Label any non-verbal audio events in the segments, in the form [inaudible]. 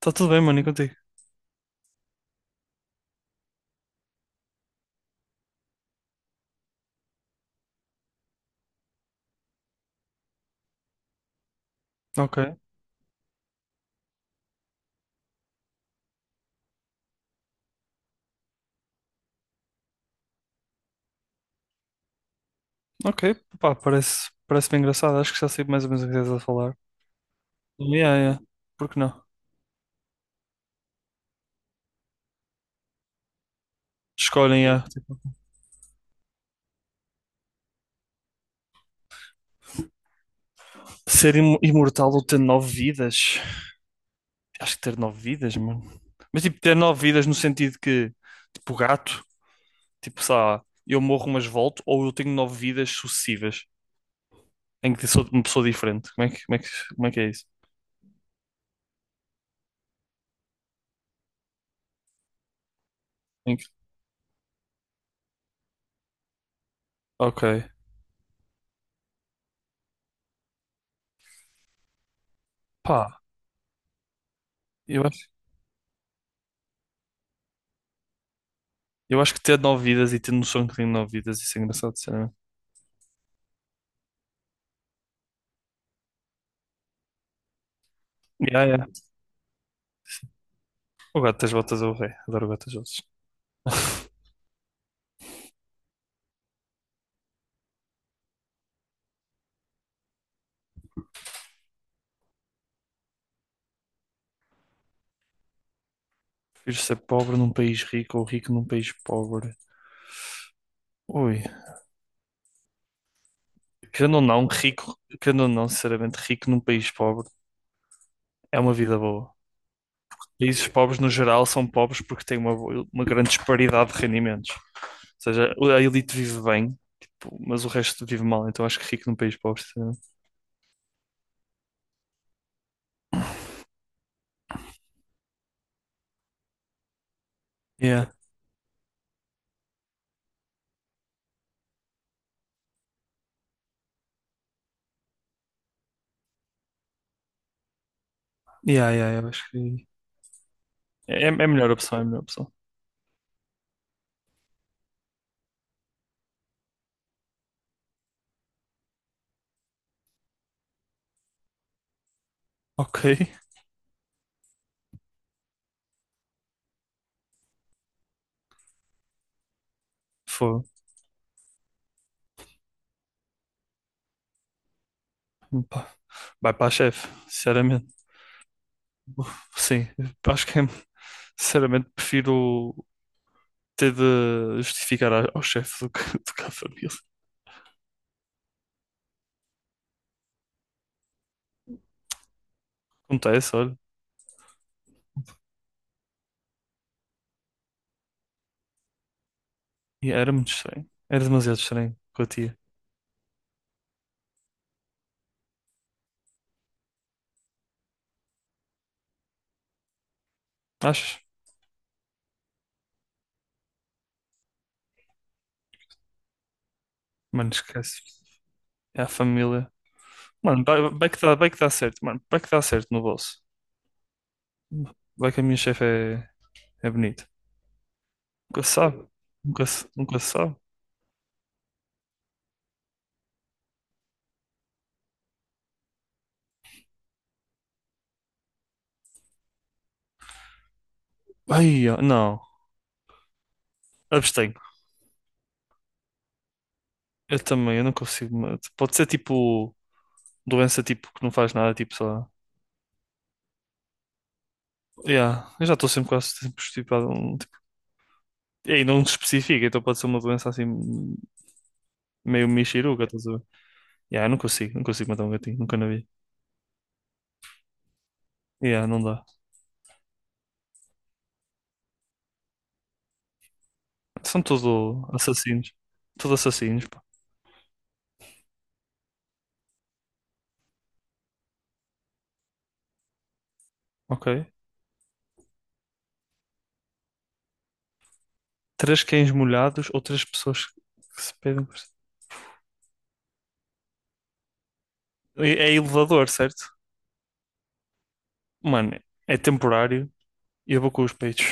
Tá tudo bem, mano, e contigo? Ok, ok, pá, parece bem engraçado. Acho que já sei mais ou menos o que estás a falar. Yeah, yeah. Por que não? Escolhem, yeah. Tipo, ser imortal ou ter nove vidas? Acho que ter nove vidas, mano. Mas tipo, ter nove vidas no sentido que, tipo, gato, tipo, sei lá, eu morro mas volto, ou eu tenho nove vidas sucessivas, em que sou uma pessoa diferente. Como é que, como é que, como é que é isso? Em que- Ok, pá, eu acho, eu acho que ter nove vidas e ter noção que tenho nove vidas, isso é engraçado, sinceramente. O Gato das Botas é o rei. Adoro o Gato das Botas. Prefiro ser pobre num país rico ou rico num país pobre. Ui. Querendo ou não, rico, querendo ou não, sinceramente, rico num país pobre é uma vida boa. Países pobres, no geral, são pobres porque têm uma, uma grande disparidade de rendimentos. Ou seja, a elite vive bem, tipo, mas o resto vive mal. Então acho que rico num país pobre, sinceramente. Yeah. Yeah, yeah, yeah, eu acho que é a melhor opção, é a melhor opção. Ok. Foi. Vai para a chefe, sinceramente. Sim, acho que é sinceramente, prefiro ter de justificar ao chefe do que, [laughs] do que à família. Acontece, olha. E era muito estranho. Era demasiado estranho com a tia. Achas? Mano, esquece. É a família. Mano, vai que dá certo, mano. Vai que dá certo no bolso. Vai que a minha chefe é bonita. Nunca se sabe. Nunca se sabe. Ai, ó, não. Abstenho. Eu também, eu não consigo. Mas pode ser tipo doença tipo que não faz nada, tipo só. Yeah, eu já estou sempre quase sempre estipado. E aí não especifica, então pode ser uma doença assim meio mexeruca, estás a ver? Yeah, eu não consigo matar um gatinho, nunca na vi. Yeah, não dá. São tudo assassinos. Tudo assassinos, pá. Ok. Três cães molhados ou três pessoas que se pedem por... si. É elevador, certo? Mano, é temporário e eu vou com os peitos.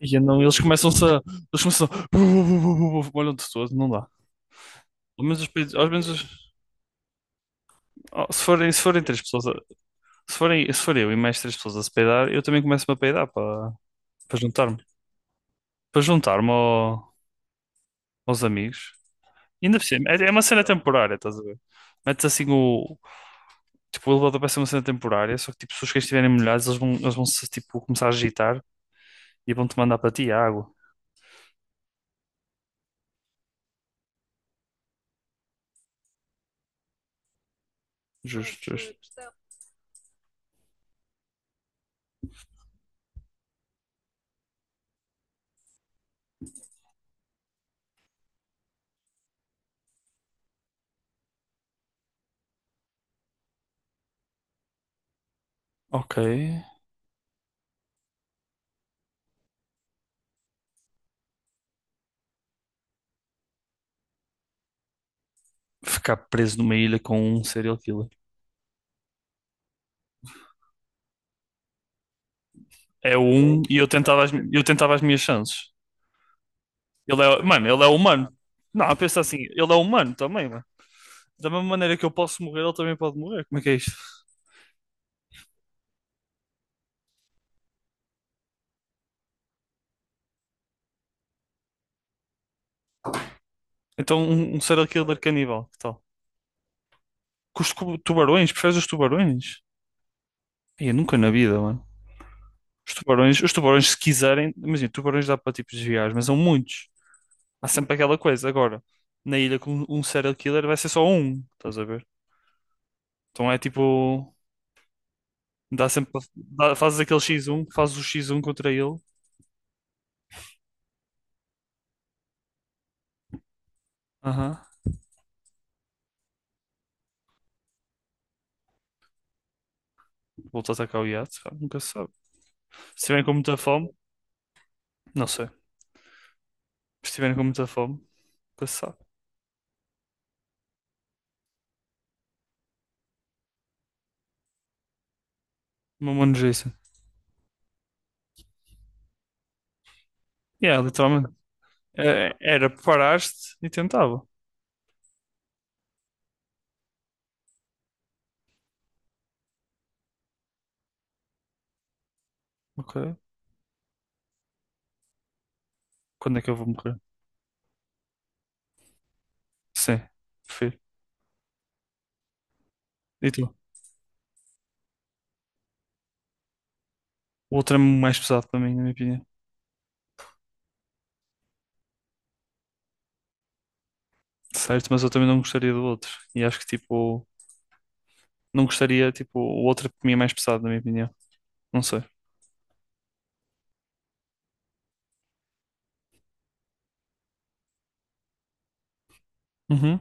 E não, eles começam-se a... Eles começam a... Molham-te todo, não dá. Ao menos os peitos... Oh, se forem três pessoas... Se forem, se for eu e mais três pessoas a se peidar, eu também começo-me a peidar, pá. Para juntar-me. Para juntar-me ao- aos amigos. E ainda por cima, é uma cena temporária, estás a ver? Metes assim o. Tipo, o elevador vai ser uma cena temporária, só que tipo, se os cães estiverem molhados, eles vão se tipo, começar a agitar e vão-te mandar para ti água. Justo, justo. Ok. Ficar preso numa ilha com um serial killer. É um e eu eu tentava as minhas chances. Ele é, mano, ele é humano. Não, pensa assim, ele é humano também, mano. Da mesma maneira que eu posso morrer, ele também pode morrer. Como é que é isto? Então, um serial killer caníbal, que tal? Com os tubarões, preferes os tubarões? Ai, nunca na vida, mano. Os tubarões, se quiserem, imagina, tubarões dá para tipo desviar, mas são muitos. Há sempre aquela coisa. Agora, na ilha com um serial killer vai ser só um, estás a ver? Então é tipo, dá, fazes aquele X1, fazes o X1 contra ele. Aham. Volta a atacar o iate, pá, nunca se sabe. Se estiverem com muita fome, não sei. Se estiverem com muita fome, nunca se sabe. Uma mano Jason. Yeah, literalmente. Era, preparaste e tentava. Ok. Quando é que eu vou morrer? Sim, prefiro. E tu? O outro é mais pesado para mim, na minha opinião. Certo, mas eu também não gostaria do outro. E acho que, tipo, não gostaria, tipo, o outro é para mim é mais pesado, na minha opinião. Não sei. Uhum.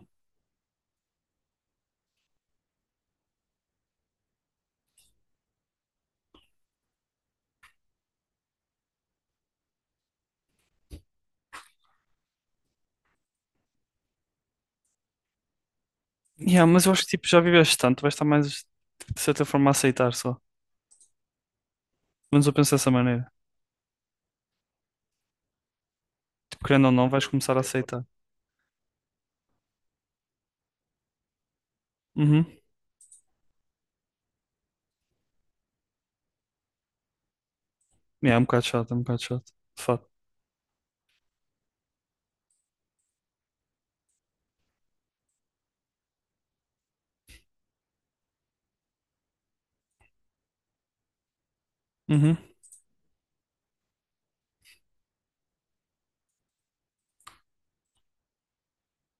Yeah, mas eu acho que, tipo, já viveste tanto, vais estar mais, tipo, de certa forma, a aceitar só. Mas eu penso dessa maneira. Tipo, querendo ou não, vais começar a aceitar. Uhum. Yeah, é um bocado chato, é um bocado chato. De fato. Uhum.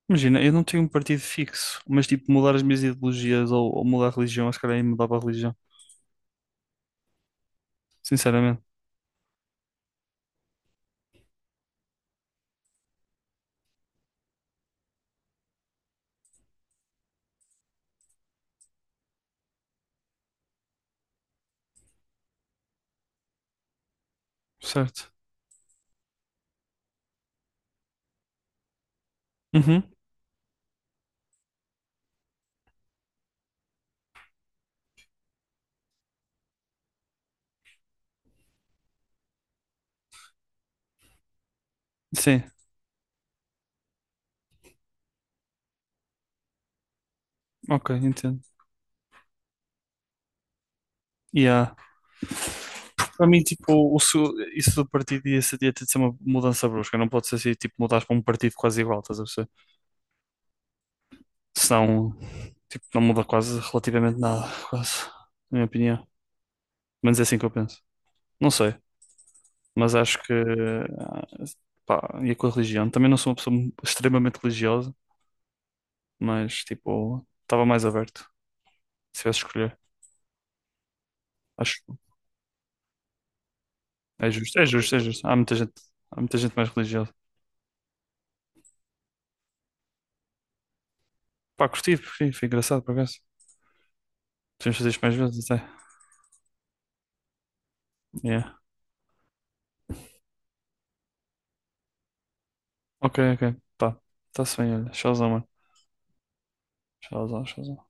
Imagina, eu não tenho um partido fixo, mas, tipo, mudar as minhas ideologias ou mudar a religião, acho que calhar aí mudava a religião. Sinceramente. Certo. Uhum. Sim. Ok, entendo. Yeah. Para mim, tipo, o isso do partido ia, ia ter de ser uma mudança brusca. Não pode ser assim, tipo, mudares para um partido quase igual, estás a perceber? Senão, tipo, não muda quase relativamente nada, quase, na minha opinião. Mas é assim que eu penso. Não sei, mas acho que, ah, pá, ia com a religião. Também não sou uma pessoa extremamente religiosa, mas, tipo, estava mais aberto, se tivesse de escolher. Acho que é justo, é justo, é justo. Há muita gente mais religiosa. Pá, curti, foi engraçado, por acaso. Podemos fazer isto mais vezes, até. Yeah. Ok, ok. Tá. Tá-se bem, olha. Showzão, mano. Showzão, showzão.